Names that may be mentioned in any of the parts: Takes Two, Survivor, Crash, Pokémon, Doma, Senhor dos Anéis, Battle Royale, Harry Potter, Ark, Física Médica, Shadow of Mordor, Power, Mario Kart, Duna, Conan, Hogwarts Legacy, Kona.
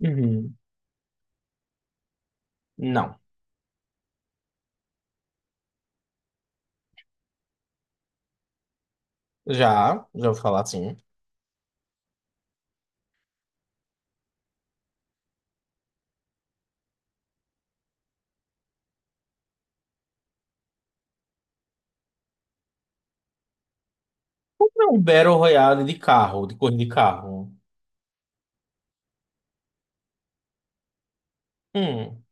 Uhum. Não. Já vou falar assim. É um Battle Royale de carro, de corrida de carro. Hum,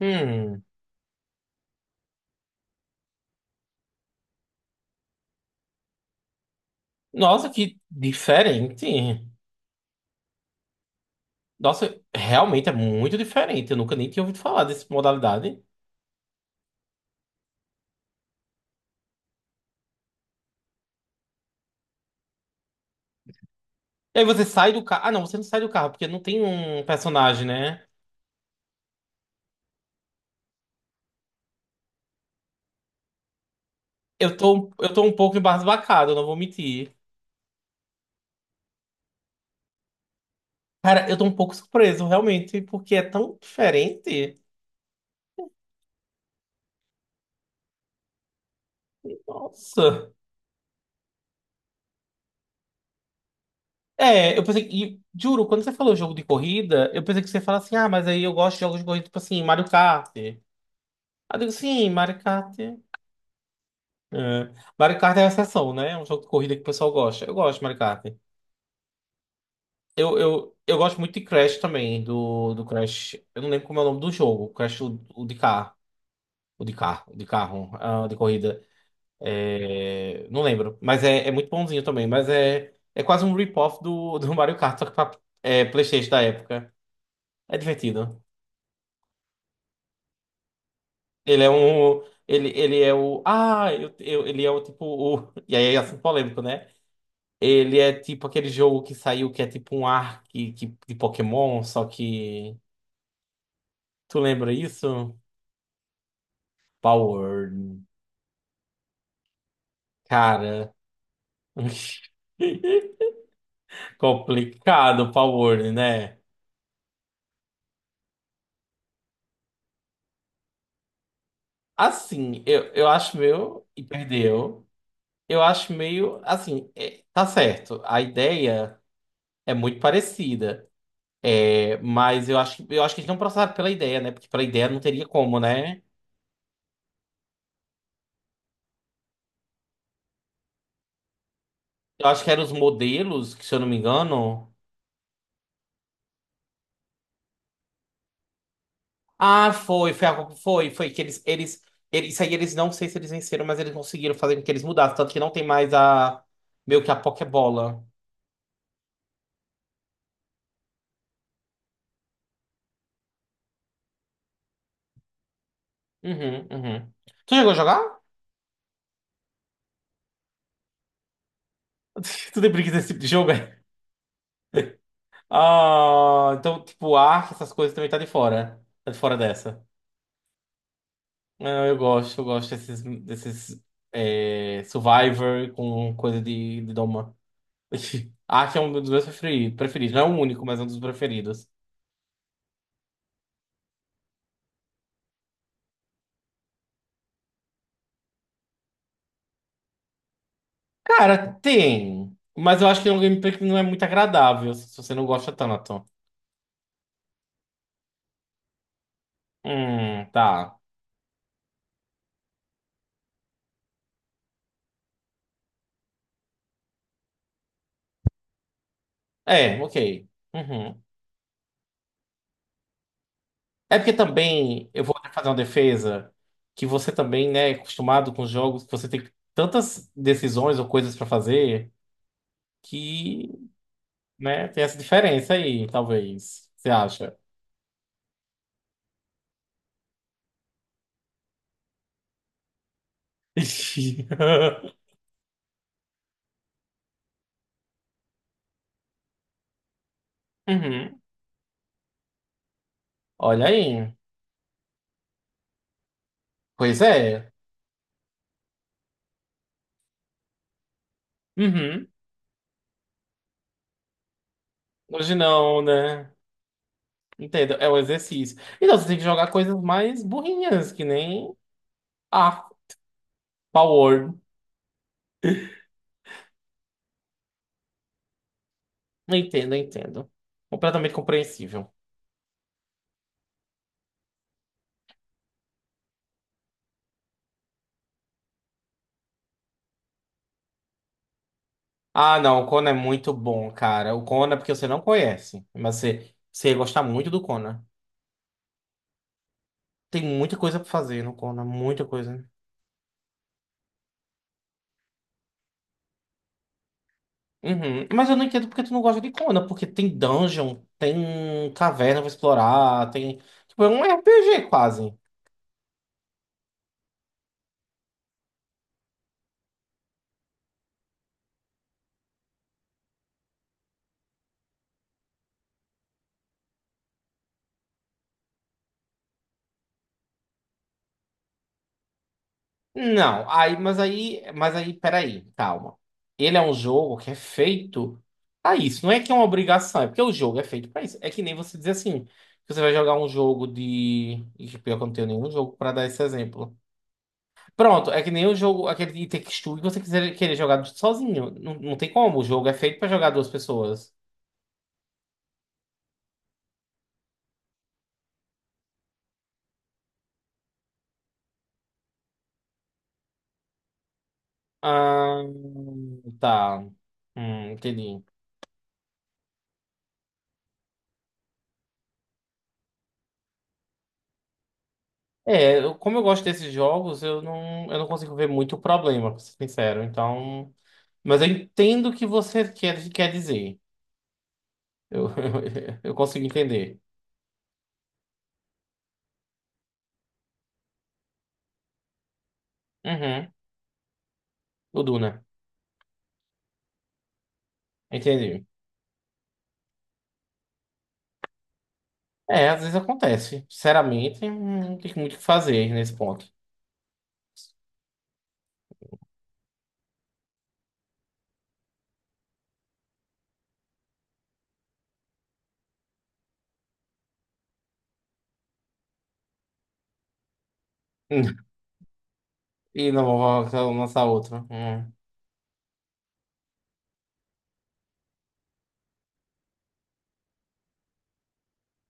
hum. Nossa, que diferente. Nossa, realmente é muito diferente. Eu nunca nem tinha ouvido falar dessa modalidade. E aí você sai do carro. Ah, não, você não sai do carro, porque não tem um personagem, né? Eu tô um pouco embasbacado, não vou mentir. Cara, eu tô um pouco surpreso, realmente, porque é tão diferente. Nossa. É, eu pensei, que. E juro, quando você falou jogo de corrida, eu pensei que você ia falar assim, ah, mas aí eu gosto de jogos de corrida, tipo assim, Mario Kart. Aí eu digo, sim, Mario Kart. É. Mario Kart é a exceção, né? É um jogo de corrida que o pessoal gosta. Eu gosto de Mario Kart. Eu gosto muito de Crash também, do Crash. Eu não lembro como é o nome do jogo. Crash, o de carro. O de carro, o de carro, ah, de corrida. É, não lembro. Mas é muito bonzinho também. Mas é quase um rip-off do Mario Kart, só que pra, é, PlayStation da época. É divertido. Ele é um. Ele é o. Ah, ele é o tipo. O, e aí é assim polêmico, né? Ele é tipo aquele jogo que saiu que é tipo um arc que, de Pokémon, só que. Tu lembra isso? Power. Cara. Complicado o Power, né? Assim, eu acho meio. E perdeu. Eu acho meio. Assim, tá certo. A ideia é muito parecida. Mas eu acho que eles não processaram pela ideia, né? Porque pela ideia não teria como, né? Eu acho que eram os modelos, que se eu não me engano. Ah, foi que eles isso aí eles não sei se eles venceram, mas eles conseguiram fazer com que eles mudassem, tanto que não tem mais a, meio que a Pokébola. Uhum. Tu chegou a jogar? Tu tem preguiça desse tipo de jogo, é? Ah, então, tipo, Ark, essas coisas também tá de fora. Tá de fora dessa. Não, eu gosto desses é, Survivor com coisa de Doma. Acho que é um dos meus preferidos. Não é o único, mas é um dos preferidos. Cara, tem. Mas eu acho que é um gameplay que não é muito agradável se você não gosta tanto. Tá. É, ok. Uhum. É porque também eu vou fazer uma defesa que você também, né, é acostumado com jogos que você tem tantas decisões ou coisas pra fazer que. Né? Tem essa diferença aí, talvez. Você acha? Uhum. Olha aí. Pois é. Uhum. Hoje não, né? Entendo. É um exercício. Então você tem que jogar coisas mais burrinhas, que nem ah, Power. Entendo, entendo. Completamente compreensível. Ah, não, o Kona é muito bom, cara. O Kona é porque você não conhece, mas você ia gostar muito do Kona. Tem muita coisa pra fazer no Kona, muita coisa. Uhum. Mas eu não entendo porque tu não gosta de Conan, porque tem dungeon, tem caverna pra explorar, tem. Tipo, é um RPG quase. Não, peraí, calma. Ele é um jogo que é feito pra isso. Não é que é uma obrigação, é porque o jogo é feito pra isso. É que nem você dizer assim, que você vai jogar um jogo de. Ixi, pior que eu não tenho nenhum jogo pra dar esse exemplo. Pronto, é que nem o jogo, aquele de Takes Two, que você quiser querer jogar sozinho. Não, não tem como, o jogo é feito pra jogar duas pessoas. Ah, tá. Entendi. É, como eu gosto desses jogos, eu não consigo ver muito problema, pra ser sincero. Então, mas eu entendo o que você quer dizer. Eu, eu consigo entender. Uhum, o Duna. Entendi. É, às vezes acontece. Sinceramente, não tem muito o que fazer nesse ponto. E não vou lançar outro. Hum.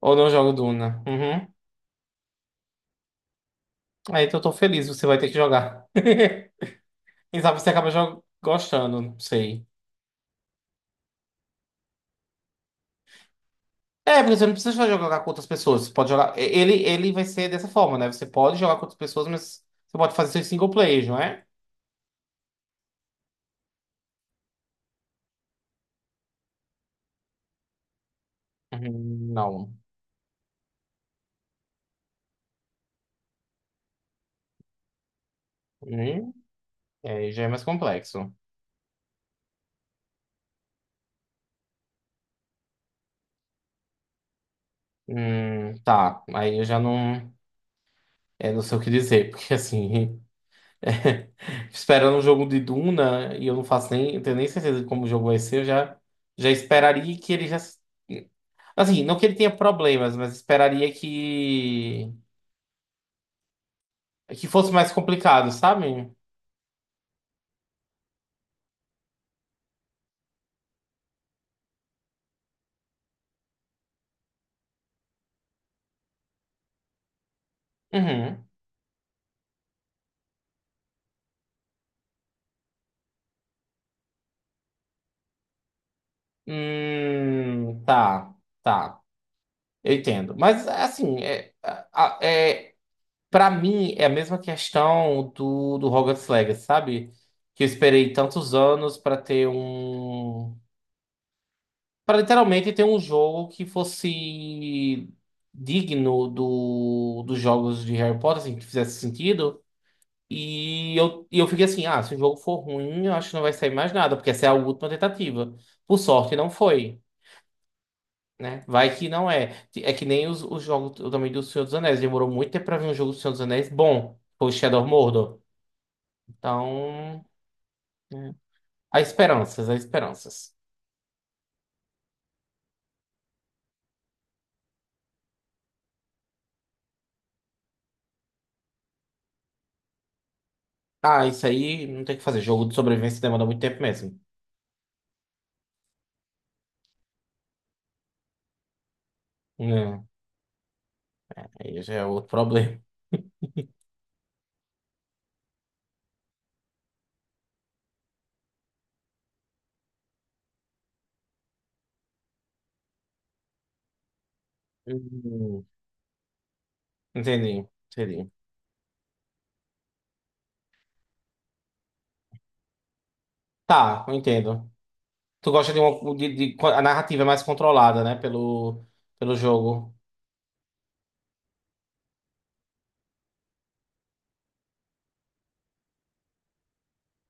Ou não jogo Duna. Uhum. Aí então eu tô feliz, você vai ter que jogar. Quem sabe você acaba gostando, não sei. É, porque você não precisa só jogar com outras pessoas. Você pode jogar. Ele vai ser dessa forma, né? Você pode jogar com outras pessoas, mas você pode fazer seus single players, não é? Não. Hum, é, já é mais complexo. Tá. Aí eu já não. É, não sei o que dizer, porque assim. Esperando um jogo de Duna, e eu não faço nem. Eu tenho nem certeza de como o jogo vai ser, eu já, já esperaria que ele já. Assim, não que ele tenha problemas, mas esperaria que. Que fosse mais complicado, sabe? Uhum. Hum, tá, tá. Eu entendo. Mas, assim, pra mim é a mesma questão do Hogwarts Legacy, sabe? Que eu esperei tantos anos pra ter um. Pra literalmente ter um jogo que fosse digno dos jogos de Harry Potter, assim, que fizesse sentido. E eu fiquei assim, ah, se o jogo for ruim, eu acho que não vai sair mais nada, porque essa é a última tentativa. Por sorte, não foi, né? Vai que não é. É que nem os jogos também do Senhor dos Anéis. Demorou muito tempo pra ver um jogo do Senhor dos Anéis bom. Foi o Shadow of Mordor. Então, né, há esperanças, há esperanças. Ah, isso aí não tem o que fazer. Jogo de sobrevivência demora muito tempo mesmo. Não, aí já é outro problema. Hum, Entendi, entendi. Tá, eu entendo. Tu gosta de uma. A narrativa é mais controlada, né? Pelo, pelo jogo.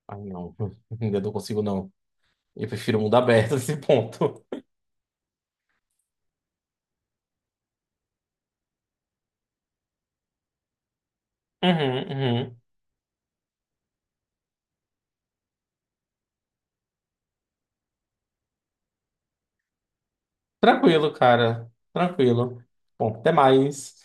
Ai, não. Ainda não consigo, não. Eu prefiro o mundo aberto nesse ponto. Uhum. Tranquilo, cara. Tranquilo. Bom, até mais.